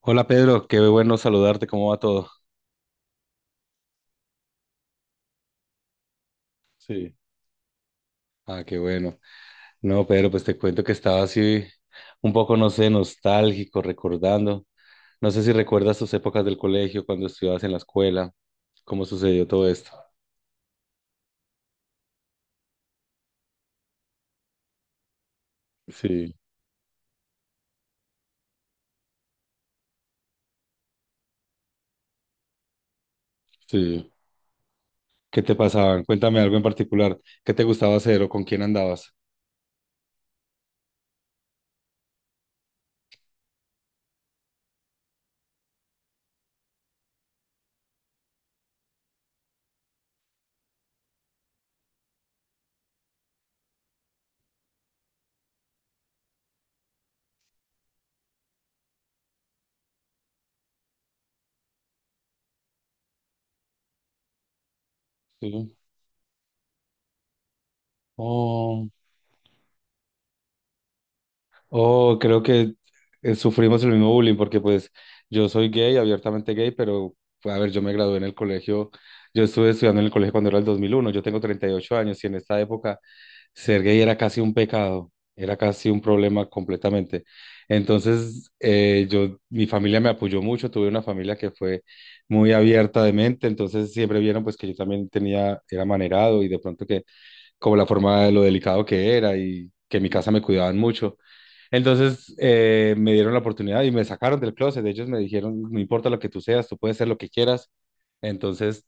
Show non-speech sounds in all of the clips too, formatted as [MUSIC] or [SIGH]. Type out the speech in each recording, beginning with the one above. Hola Pedro, qué bueno saludarte, ¿cómo va todo? Sí. Ah, qué bueno. No, Pedro, pues te cuento que estaba así un poco, no sé, nostálgico, recordando. No sé si recuerdas tus épocas del colegio, cuando estudiabas en la escuela, cómo sucedió todo esto. Sí. Sí. ¿Qué te pasaban? Cuéntame algo en particular. ¿Qué te gustaba hacer o con quién andabas? Sí. Oh. Oh, creo que sufrimos el mismo bullying porque pues yo soy gay, abiertamente gay, pero pues, a ver, yo me gradué en el colegio, yo estuve estudiando en el colegio cuando era el 2001. Yo tengo 38 años y en esta época ser gay era casi un pecado, era casi un problema completamente. Entonces, yo, mi familia me apoyó mucho, tuve una familia que fue muy abierta de mente, entonces siempre vieron pues que yo también tenía, era manerado y de pronto que como la forma de lo delicado que era y que en mi casa me cuidaban mucho. Entonces me dieron la oportunidad y me sacaron del closet. Ellos me dijeron, no importa lo que tú seas, tú puedes ser lo que quieras. Entonces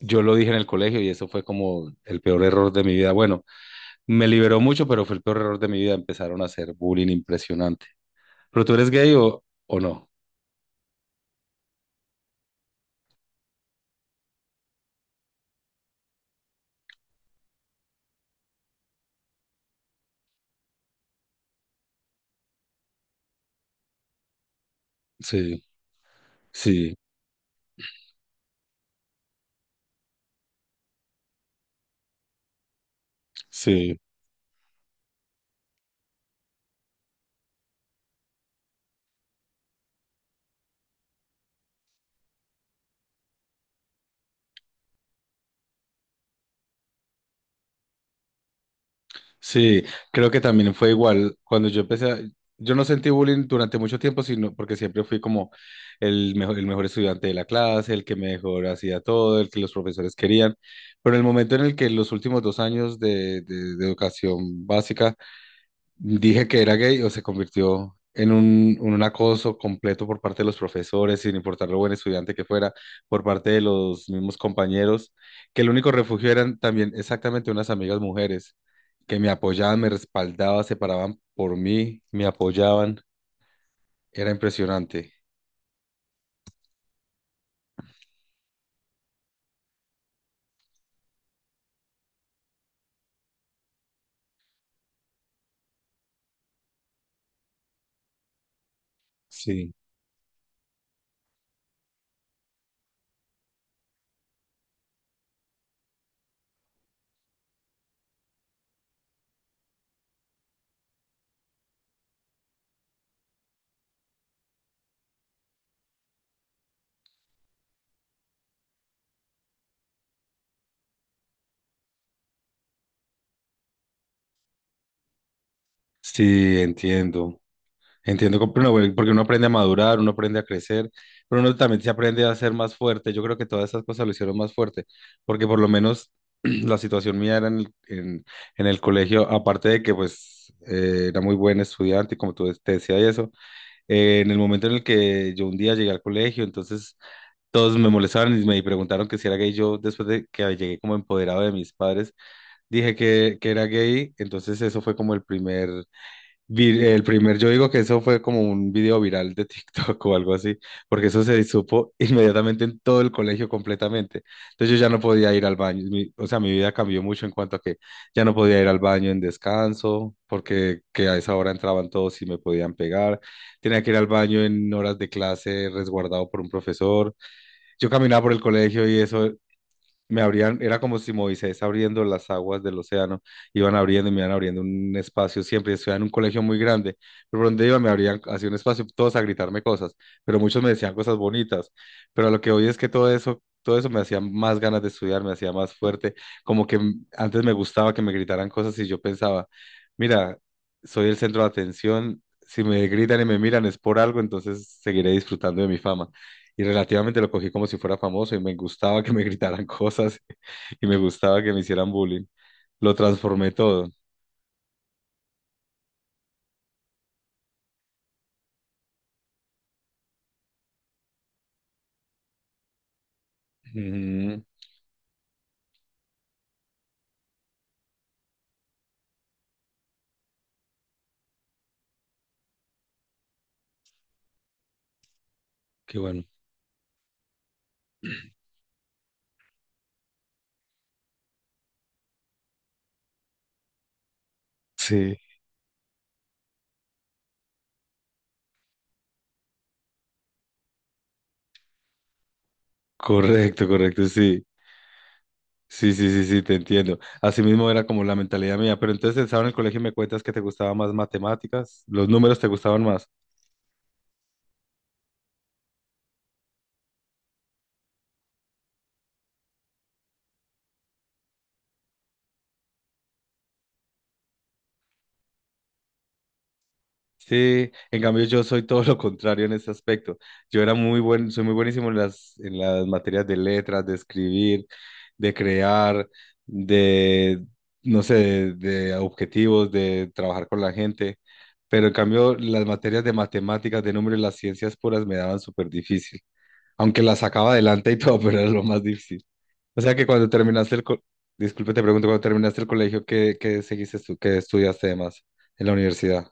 yo lo dije en el colegio y eso fue como el peor error de mi vida. Bueno, me liberó mucho, pero fue el peor error de mi vida. Empezaron a hacer bullying impresionante. ¿Pero tú eres gay o no? Sí, sí, sí. Sí, creo que también fue igual. Cuando yo empecé, a- Yo no sentí bullying durante mucho tiempo, sino porque siempre fui como el mejor estudiante de la clase, el que mejor hacía todo, el que los profesores querían. Pero en el momento en el que los últimos 2 años de educación básica dije que era gay, o se convirtió en en un acoso completo por parte de los profesores, sin importar lo buen estudiante que fuera, por parte de los mismos compañeros, que el único refugio eran también exactamente unas amigas mujeres que me apoyaban, me respaldaban, se paraban por mí, me apoyaban. Era impresionante. Sí. Sí, entiendo. Entiendo, pero no, güey, porque uno aprende a madurar, uno aprende a crecer, pero uno también se aprende a ser más fuerte. Yo creo que todas esas cosas lo hicieron más fuerte, porque por lo menos [CLEARS THROAT] la situación mía era en en el colegio, aparte de que pues era muy buen estudiante, y como tú te decía y eso, en el momento en el que yo un día llegué al colegio, entonces todos me molestaban y me preguntaron que si era gay. Yo después de que llegué como empoderado de mis padres, dije que era gay, entonces eso fue como el primer el primer, yo digo que eso fue como un video viral de TikTok [LAUGHS] o algo así, porque eso se supo [LAUGHS] inmediatamente en todo el colegio completamente. Entonces yo ya no podía ir al baño, o sea, mi vida cambió mucho en cuanto a que ya no podía ir al baño en descanso, porque que a esa hora entraban todos y me podían pegar. Tenía que ir al baño en horas de clase resguardado por un profesor. Yo caminaba por el colegio y eso me abrían, era como si Moisés abriendo las aguas del océano, iban abriendo y me iban abriendo un espacio siempre, estudiaba en un colegio muy grande, pero por donde iba me abrían así un espacio, todos a gritarme cosas, pero muchos me decían cosas bonitas, pero a lo que hoy es que todo eso me hacía más ganas de estudiar, me hacía más fuerte, como que antes me gustaba que me gritaran cosas y yo pensaba, mira, soy el centro de atención, si me gritan y me miran es por algo, entonces seguiré disfrutando de mi fama. Y relativamente lo cogí como si fuera famoso y me gustaba que me [LAUGHS] gritaran cosas y me gustaba que me hicieran bullying. Lo transformé todo. Ujú, qué bueno. Sí, correcto, correcto, sí. Sí, sí, sí, sí, te entiendo. Así mismo era como la mentalidad mía. Pero entonces estaba en el colegio, me cuentas que te gustaban más matemáticas, los números te gustaban más. Sí, en cambio yo soy todo lo contrario en ese aspecto. Yo era muy buen, soy muy buenísimo en en las materias de letras, de escribir, de crear, de, no sé, de objetivos, de trabajar con la gente. Pero en cambio las materias de matemáticas, de números, las ciencias puras me daban súper difícil. Aunque las sacaba adelante y todo, [LAUGHS] pero era lo más difícil. O sea que cuando terminaste el, co- Disculpe, te pregunto, cuando terminaste el colegio, ¿qué, qué seguiste tú, qué estudiaste además en la universidad?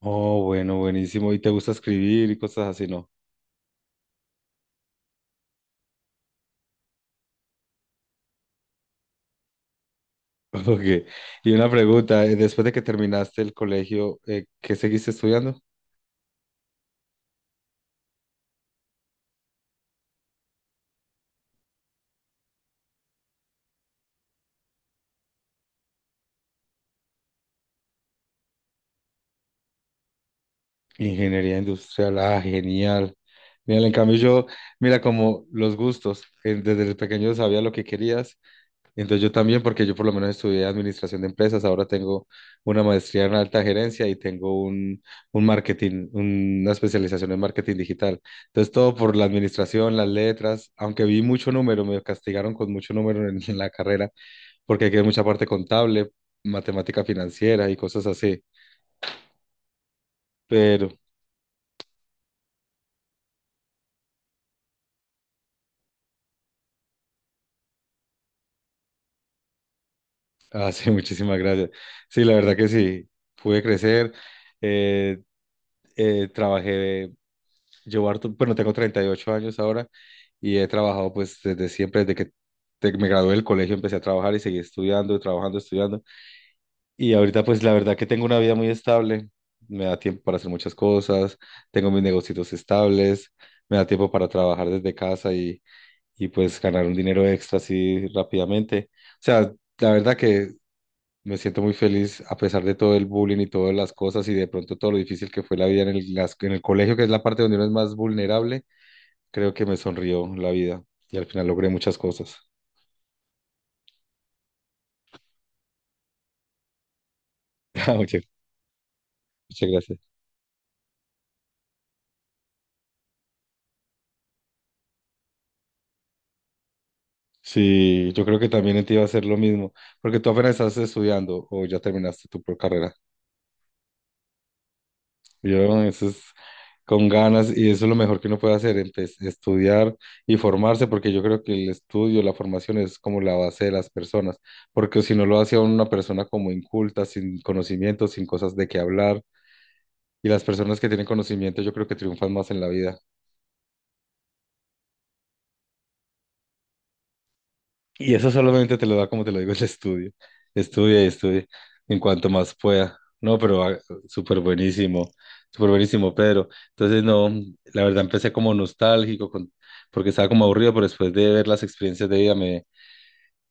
Oh, bueno, buenísimo. ¿Y te gusta escribir y cosas así, no? [LAUGHS] Ok. Y una pregunta, después de que terminaste el colegio, ¿qué seguiste estudiando? Ingeniería industrial. Ah, genial. Mira, en cambio yo, mira, como los gustos, desde pequeño sabía lo que querías. Entonces yo también, porque yo por lo menos estudié administración de empresas, ahora tengo una maestría en alta gerencia y tengo un marketing, una especialización en marketing digital. Entonces todo por la administración, las letras, aunque vi mucho número, me castigaron con mucho número en la carrera, porque hay que ver mucha parte contable, matemática financiera y cosas así. Pero, ah, sí, [LAUGHS] muchísimas gracias. Sí, la verdad que sí, pude crecer. eh, trabajé. Llevo harto, bueno, tengo 38 años ahora y he trabajado pues desde siempre, desde que me gradué del colegio, empecé a trabajar y seguí estudiando, trabajando, estudiando. Y ahorita pues la verdad que tengo una vida muy estable, me da tiempo para hacer muchas cosas, tengo mis negocios estables, me da tiempo para trabajar desde casa y pues ganar un dinero extra así rápidamente. O sea, la verdad que me siento muy feliz a pesar de todo el bullying y todas las cosas y de pronto todo lo difícil que fue la vida en en el colegio, que es la parte donde uno es más vulnerable. Creo que me sonrió la vida y al final logré muchas cosas. [LAUGHS] Ah, muchas gracias. Sí, yo creo que también en ti va a ser lo mismo, porque tú apenas estás estudiando o ya terminaste tu carrera. Yo, eso es con ganas y eso es lo mejor que uno puede hacer, estudiar y formarse, porque yo creo que el estudio, la formación es como la base de las personas, porque si no lo hace a uno una persona como inculta, sin conocimiento, sin cosas de qué hablar, y las personas que tienen conocimiento yo creo que triunfan más en la vida. Y eso solamente te lo da, como te lo digo, el estudio. Estudia y estudia en cuanto más pueda. No, pero ah, súper buenísimo, súper buenísimo, Pedro. Entonces, no, la verdad empecé como nostálgico, porque estaba como aburrido, pero después de ver las experiencias de vida me,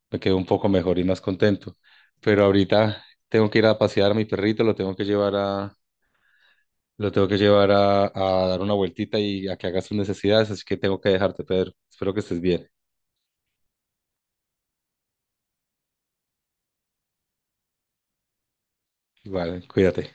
me quedé un poco mejor y más contento. Pero ahorita tengo que ir a pasear a mi perrito, lo tengo que llevar a, lo tengo que llevar a dar una vueltita y a que haga sus necesidades, así que tengo que dejarte, Pedro. Espero que estés bien. Vale, cuídate.